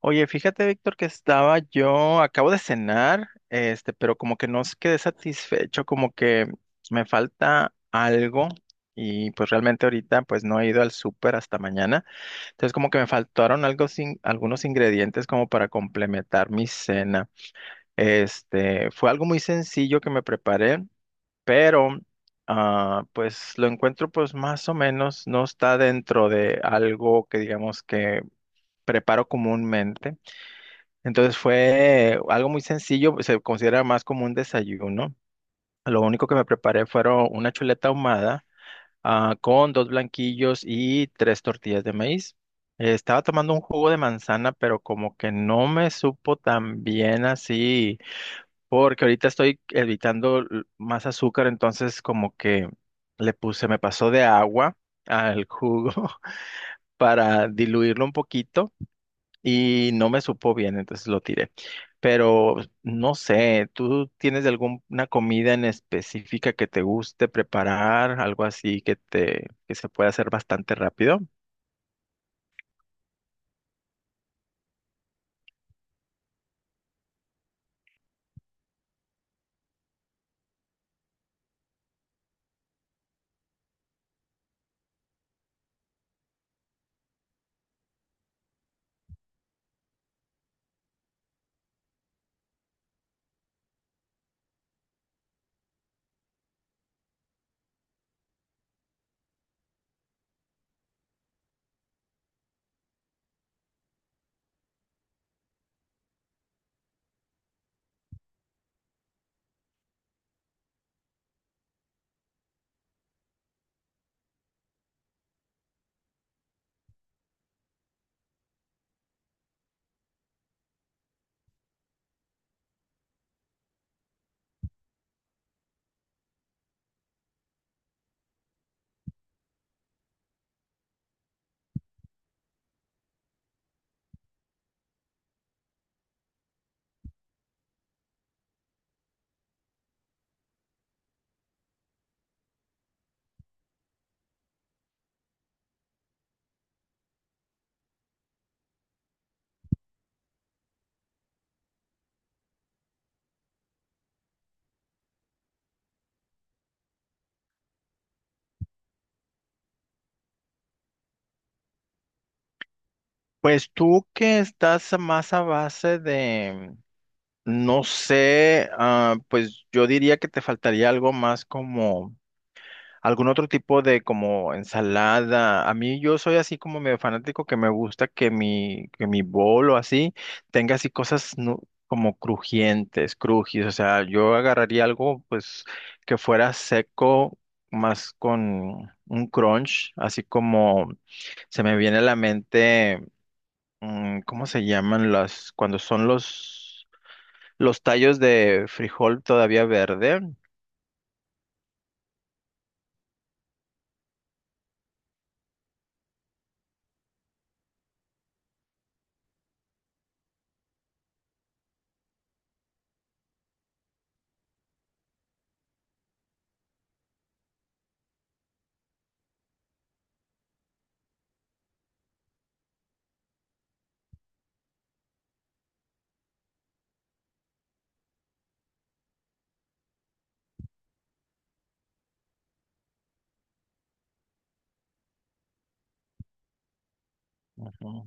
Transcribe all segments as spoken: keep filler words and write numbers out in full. Oye, fíjate, Víctor, que estaba yo, acabo de cenar, este, pero como que no s- quedé satisfecho, como que me falta algo y pues realmente ahorita pues no he ido al súper hasta mañana, entonces como que me faltaron algo sin, algunos ingredientes como para complementar mi cena. Este, fue algo muy sencillo que me preparé, pero ah, pues lo encuentro pues más o menos, no está dentro de algo que digamos que preparo comúnmente. Entonces fue algo muy sencillo, se considera más como un desayuno. Lo único que me preparé fueron una chuleta ahumada, ah, con dos blanquillos y tres tortillas de maíz. Eh, Estaba tomando un jugo de manzana, pero como que no me supo tan bien así, porque ahorita estoy evitando l- más azúcar, entonces como que le puse, me pasó de agua al jugo para diluirlo un poquito y no me supo bien, entonces lo tiré. Pero no sé, ¿tú tienes alguna comida en específica que te guste preparar, algo así que te que se pueda hacer bastante rápido? Pues tú que estás más a base de, no sé, ah, pues yo diría que te faltaría algo más como algún otro tipo de como ensalada. A mí yo soy así como medio fanático que me gusta que mi, que mi bol o así tenga así cosas nu- como crujientes, crujis. O sea, yo agarraría algo pues que fuera seco más con un crunch, así como se me viene a la mente, mm, ¿cómo se llaman las, cuando son los, los tallos de frijol todavía verde? Ujú.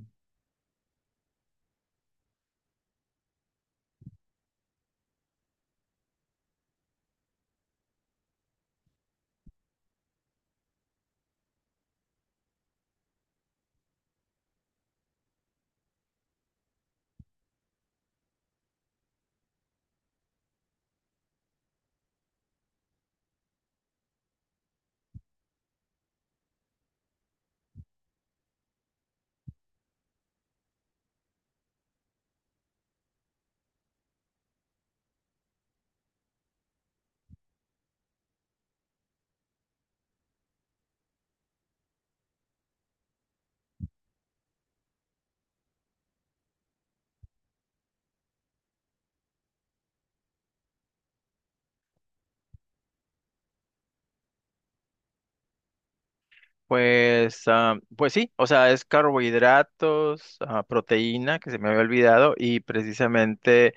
Pues, ah, pues sí, o sea, es carbohidratos, ah, proteína, que se me había olvidado, y precisamente,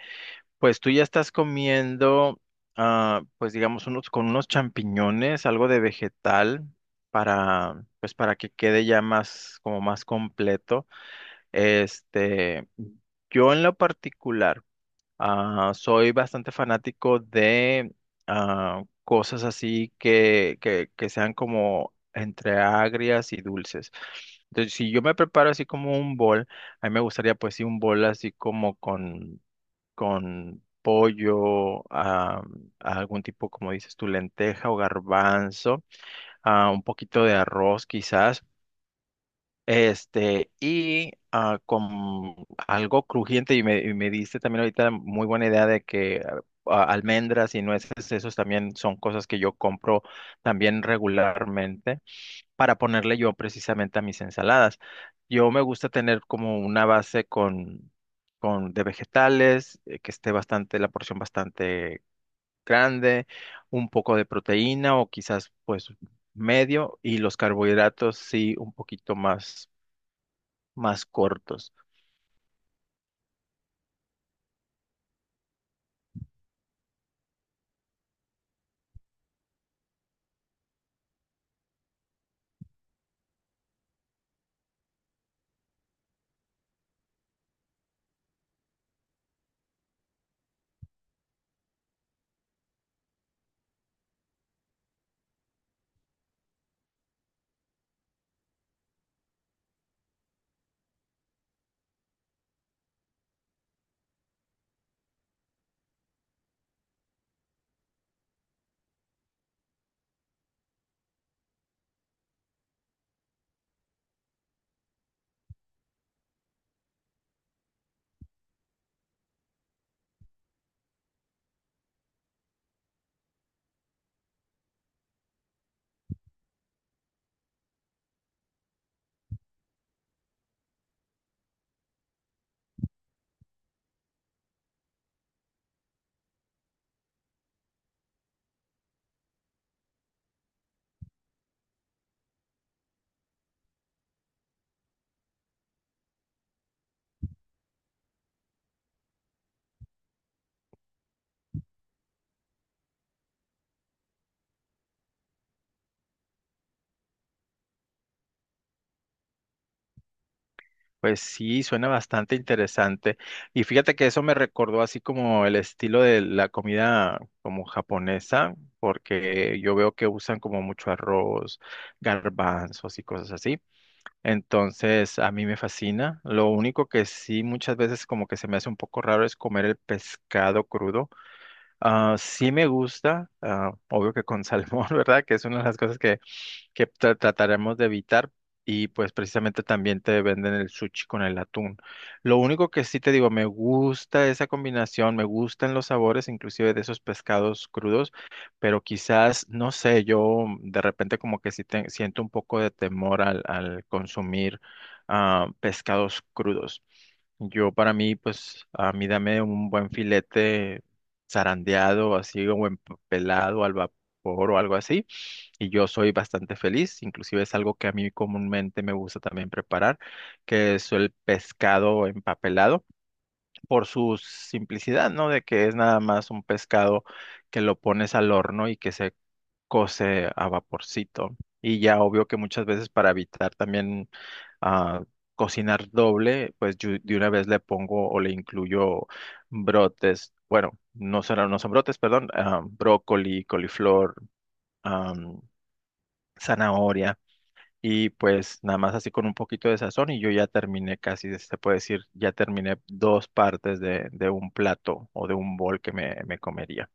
pues tú ya estás comiendo, ah, pues digamos, unos, con unos champiñones, algo de vegetal, para, pues para que quede ya más, como más completo. Este, yo en lo particular. Ah, soy bastante fanático de ah, cosas así que, que, que sean como entre agrias y dulces. Entonces, si yo me preparo así como un bol, a mí me gustaría pues sí un bol así como con, con pollo, ah, algún tipo, como dices tú, lenteja o garbanzo, ah, un poquito de arroz quizás. Este, y ah, con algo crujiente, y me, y me diste también ahorita muy buena idea de que ah, almendras y nueces, esos también son cosas que yo compro también regularmente para ponerle yo precisamente a mis ensaladas. Yo me gusta tener como una base con, con de vegetales, eh, que esté bastante, la porción bastante grande, un poco de proteína o quizás pues medio, y los carbohidratos sí un poquito más más cortos. Pues sí, suena bastante interesante. Y fíjate que eso me recordó así como el estilo de la comida como japonesa, porque yo veo que usan como mucho arroz, garbanzos y cosas así. Entonces, a mí me fascina. Lo único que sí muchas veces como que se me hace un poco raro es comer el pescado crudo. Ah, sí me gusta, ah, obvio que con salmón, ¿verdad? Que es una de las cosas que tra- trataremos de evitar y pues precisamente también te venden el sushi con el atún. Lo único que sí te digo, me gusta esa combinación, me gustan los sabores inclusive de esos pescados crudos, pero quizás, no sé, yo de repente como que sí te- siento un poco de temor al, al consumir ah, pescados crudos. Yo para mí, pues a mí dame un buen filete zarandeado, así, o en pelado al vapor o algo así y yo soy bastante feliz, inclusive es algo que a mí comúnmente me gusta también preparar, que es el pescado empapelado, por su simplicidad, ¿no? De que es nada más un pescado que lo pones al horno y que se cose a vaporcito. Y ya obvio que muchas veces para evitar también ah, cocinar doble, pues yo de una vez le pongo o le incluyo brotes, bueno, no son, no son brotes, perdón, ah, brócoli, coliflor, ah, zanahoria y pues nada más así con un poquito de sazón y yo ya terminé casi, se puede decir, ya terminé dos partes de, de un plato o de un bol que me, me comería.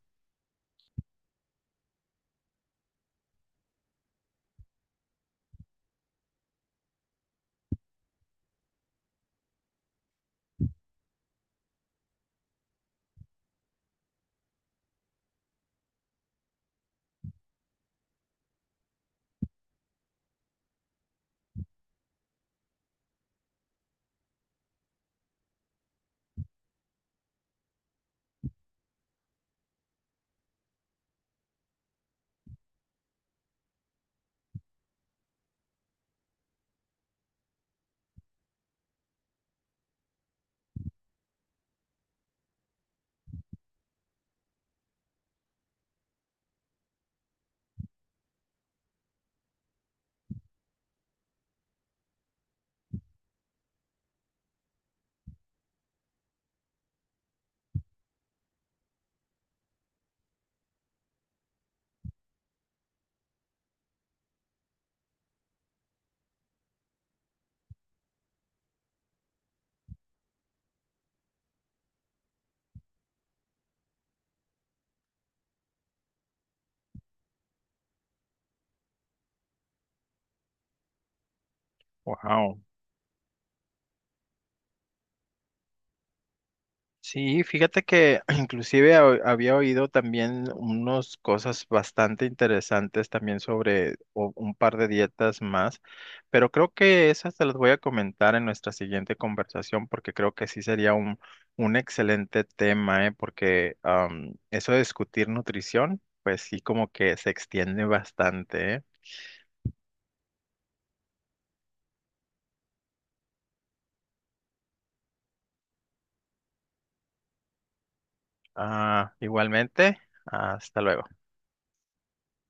Wow. Sí, fíjate que inclusive ha- había oído también unas cosas bastante interesantes también sobre o- un par de dietas más, pero creo que esas te las voy a comentar en nuestra siguiente conversación porque creo que sí sería un, un excelente tema, ¿eh? Porque am, eso de discutir nutrición, pues sí como que se extiende bastante, ¿eh? Ah, igualmente, hasta luego.